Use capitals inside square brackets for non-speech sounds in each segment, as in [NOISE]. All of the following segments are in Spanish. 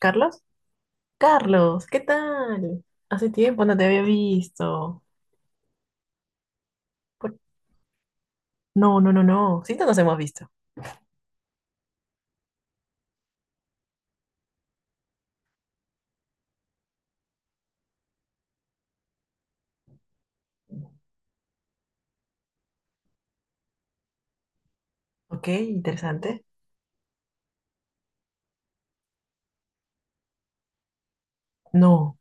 ¿Carlos? Carlos, ¿qué tal? Hace tiempo no te había visto. Por- no. Sí, no nos hemos visto. Ok, interesante. No.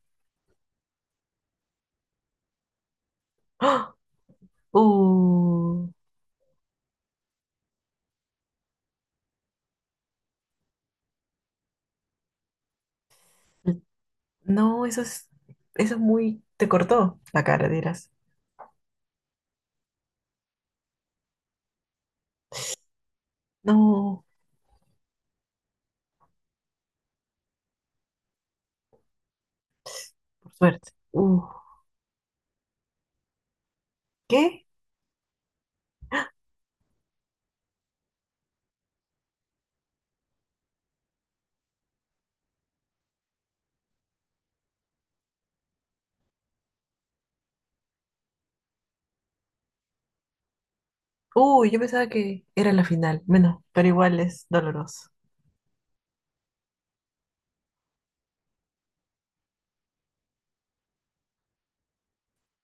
¡Ah! Uh, no, eso es muy... Te cortó la cara, dirás. No. Por suerte. ¿Qué? Uy, yo pensaba que era la final. Bueno, pero igual es doloroso.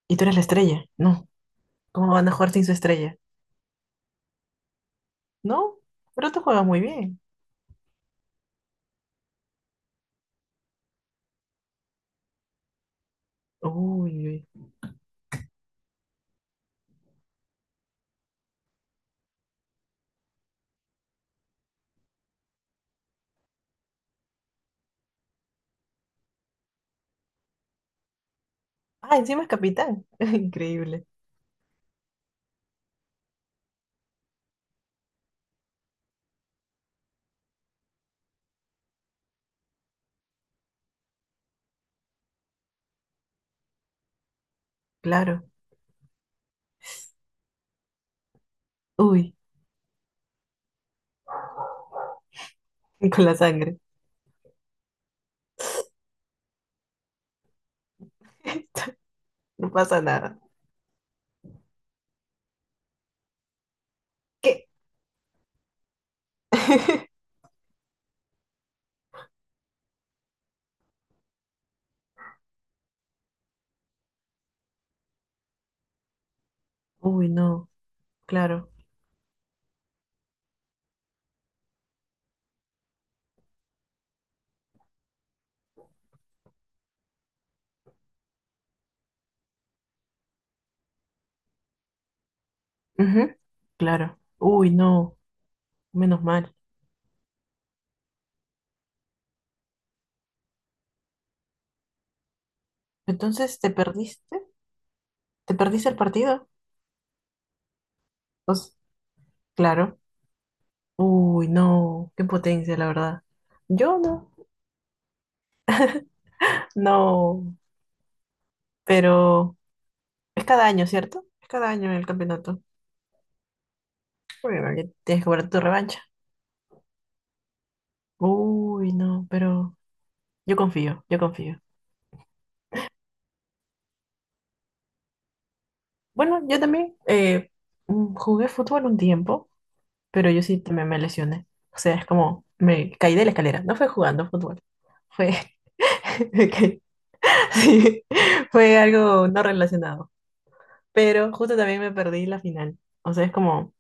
¿Y tú eres la estrella? No. ¿Cómo van a jugar sin su estrella? No, pero tú juegas muy bien. Uy, uy. Ah, encima es capitán. [LAUGHS] Increíble. Claro. Uy, [LAUGHS] con la sangre. [LAUGHS] No pasa nada. ¿Qué? [LAUGHS] Uy, no. Claro. Ujú, claro. Uy, no. Menos mal. Entonces, ¿te perdiste? ¿Te perdiste el partido? Pues, claro. Uy, no, qué potencia, la verdad. Yo no, no, pero es cada año, ¿cierto? Es cada año el campeonato. Bueno, ya tienes que guardar tu revancha. Uy, no, pero yo confío. Bueno, yo también jugué fútbol un tiempo, pero yo sí también me lesioné. O sea, es como me caí de la escalera. No fue jugando fútbol, fue, [LAUGHS] me caí. Sí, fue algo no relacionado. Pero justo también me perdí la final. O sea, es como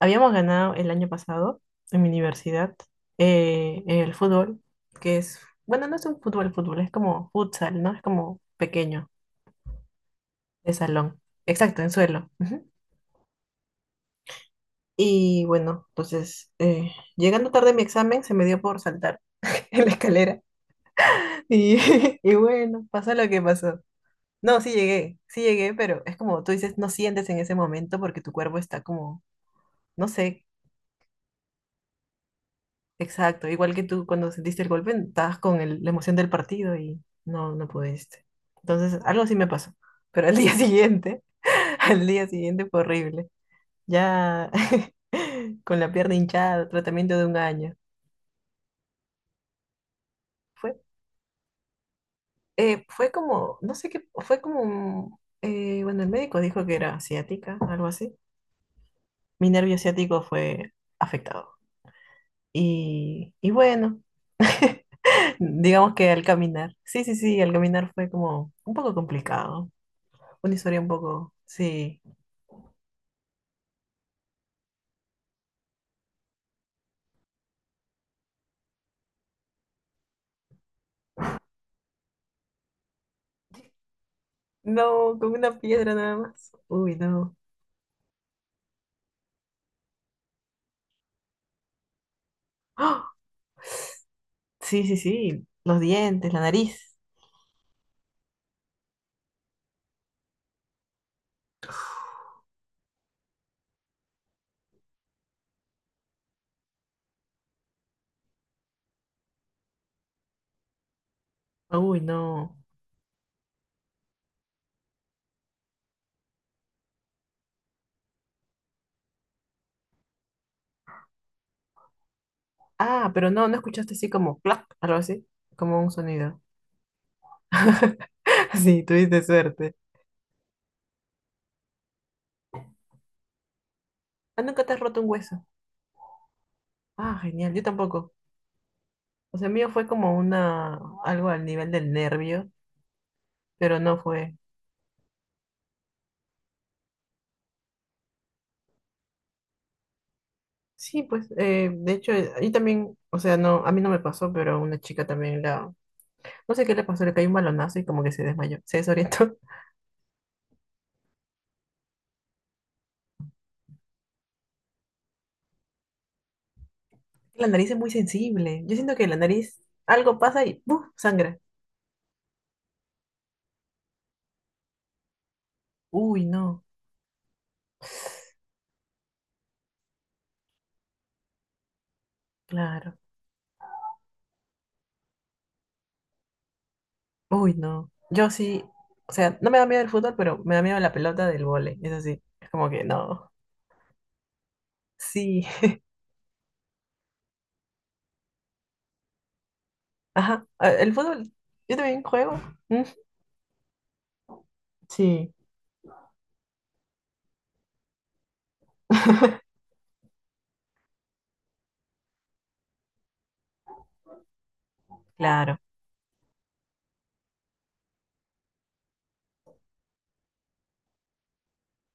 habíamos ganado el año pasado en mi universidad, el fútbol, que es, bueno, no es un fútbol, fútbol, es como futsal, ¿no? Es como pequeño, de salón. Exacto, en suelo. Ujú. Y bueno, entonces, llegando tarde a mi examen, se me dio por saltar [LAUGHS] en la escalera. Y, [LAUGHS] y bueno, pasó lo que pasó. No, sí llegué, pero es como tú dices, no sientes en ese momento porque tu cuerpo está como, no sé, exacto, igual que tú cuando sentiste el golpe, estabas con la emoción del partido y no pudiste. Entonces, algo así me pasó. Pero al día [LAUGHS] siguiente, al día siguiente fue horrible. Ya [LAUGHS] con la pierna hinchada, tratamiento de un año. Fue, fue como, no sé qué, fue como, bueno, el médico dijo que era ciática, algo así. Mi nervio ciático fue afectado. Y bueno. [LAUGHS] Digamos que al caminar. Sí, al caminar fue como un poco complicado. Una historia un poco, sí. No, con una piedra nada más. Uy, no. ¡Ah! Sí, sí, sí. Los dientes, la nariz. Uy, no. Ah, pero no, no escuchaste así como clac, algo así, como un sonido. [LAUGHS] Sí, tuviste suerte. Ah, nunca te has roto un hueso. Ah, genial, yo tampoco. O sea, mío fue como una, algo al nivel del nervio, pero no fue. Sí, pues, de hecho, ahí también, o sea, no, a mí no me pasó, pero una chica también no sé qué le pasó, le cayó un balonazo y como que se desmayó, se desorientó. [LAUGHS] La nariz es muy sensible. Yo siento que la nariz, algo pasa y ¡puf! Sangra. Uy, no, claro. Uy, no. Yo sí, o sea, no me da miedo el fútbol, pero me da miedo la pelota del vóley. Eso sí, es como que no. Sí, [LAUGHS] ajá. El fútbol, yo también juego. Mm, sí, [LAUGHS] claro.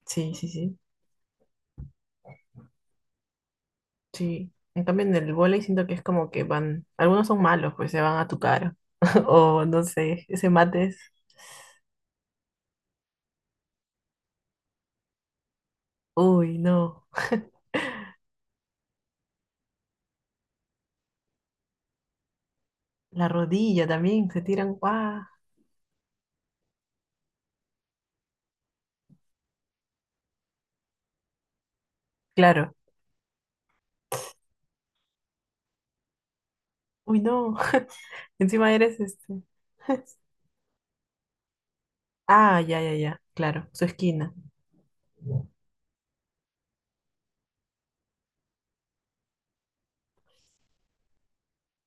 Sí, sí, sí. Sí, en cambio en el vóley siento que es como que van, algunos son malos, pues se van a tu cara. [LAUGHS] O no sé, ese mate es, uy, no. La rodilla también, se tiran, ¡guau! Claro, uy, no. [LAUGHS] Encima eres este. [LAUGHS] Ah, ya, ya, ya, claro, su esquina.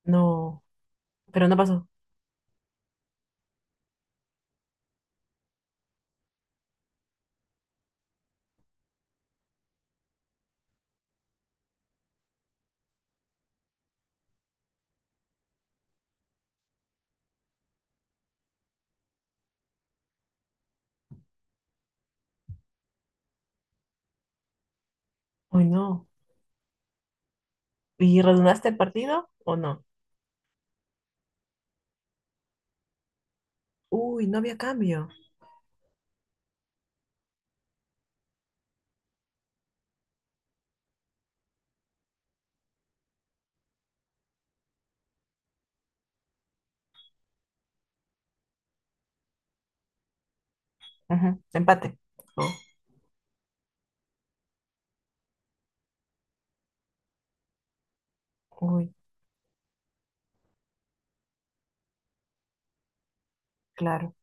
No, pero no pasó. Uy, no. ¿Y redundaste el partido o no? Uy, no había cambio. Ujú, empate. Oh, uy, claro.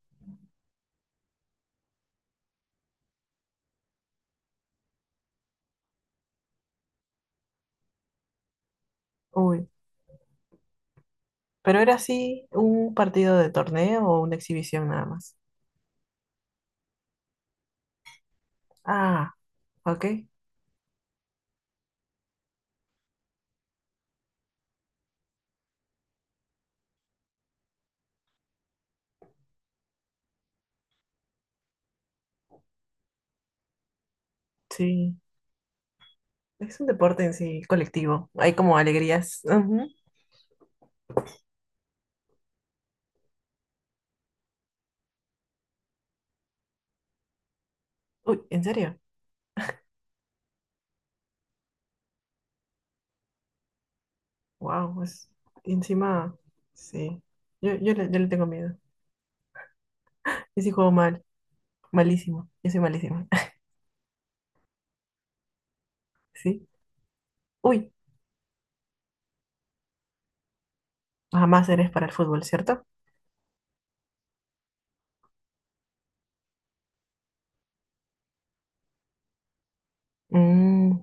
Uy. Pero era así un partido de torneo o una exhibición nada más. Ah, ok. Sí. Es un deporte en sí colectivo. Hay como alegrías. Ujú. Uy, ¿en serio? Wow, es encima. Sí. Yo le tengo miedo. Yo sí juego mal. Malísimo. Yo soy malísima. [LAUGHS] Sí. Uy, jamás eres para el fútbol, ¿cierto? Mm,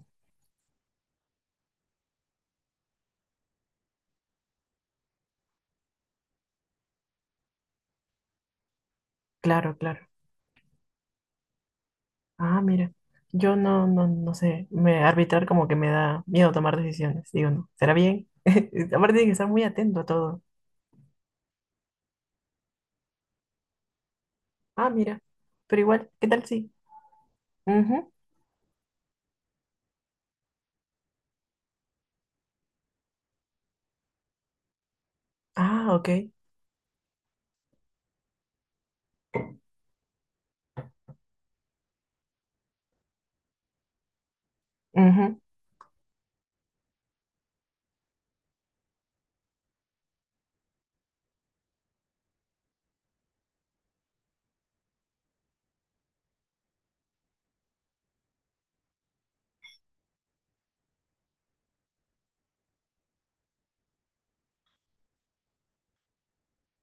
claro, claro. Ah, mira, yo no, no, no sé, me, arbitrar como que me da miedo tomar decisiones, digo, no, ¿será bien? [LAUGHS] Aparte tiene que estar muy atento a todo. Ah, mira, pero igual, ¿qué tal sí? Ujú. Ah, ok. Ujú,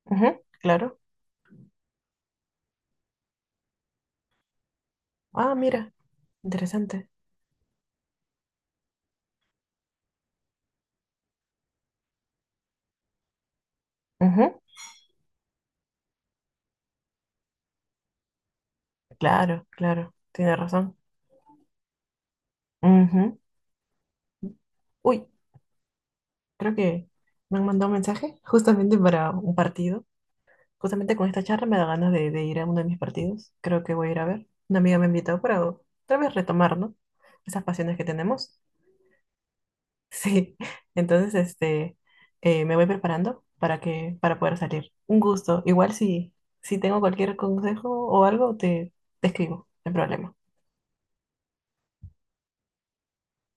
ujú, claro. Ah, mira, interesante. Ujú, claro, claro, tiene razón. Ujú. Uy, creo que me han mandado un mensaje justamente para un partido. Justamente con esta charla me da ganas de ir a uno de mis partidos. Creo que voy a ir a ver. Una amiga me ha invitado para tal vez retomar, ¿no? Esas pasiones que tenemos. [LAUGHS] Sí. Entonces, este, me voy preparando para que, para poder salir. Un gusto. Igual si, si tengo cualquier consejo o algo, te escribo. No hay problema.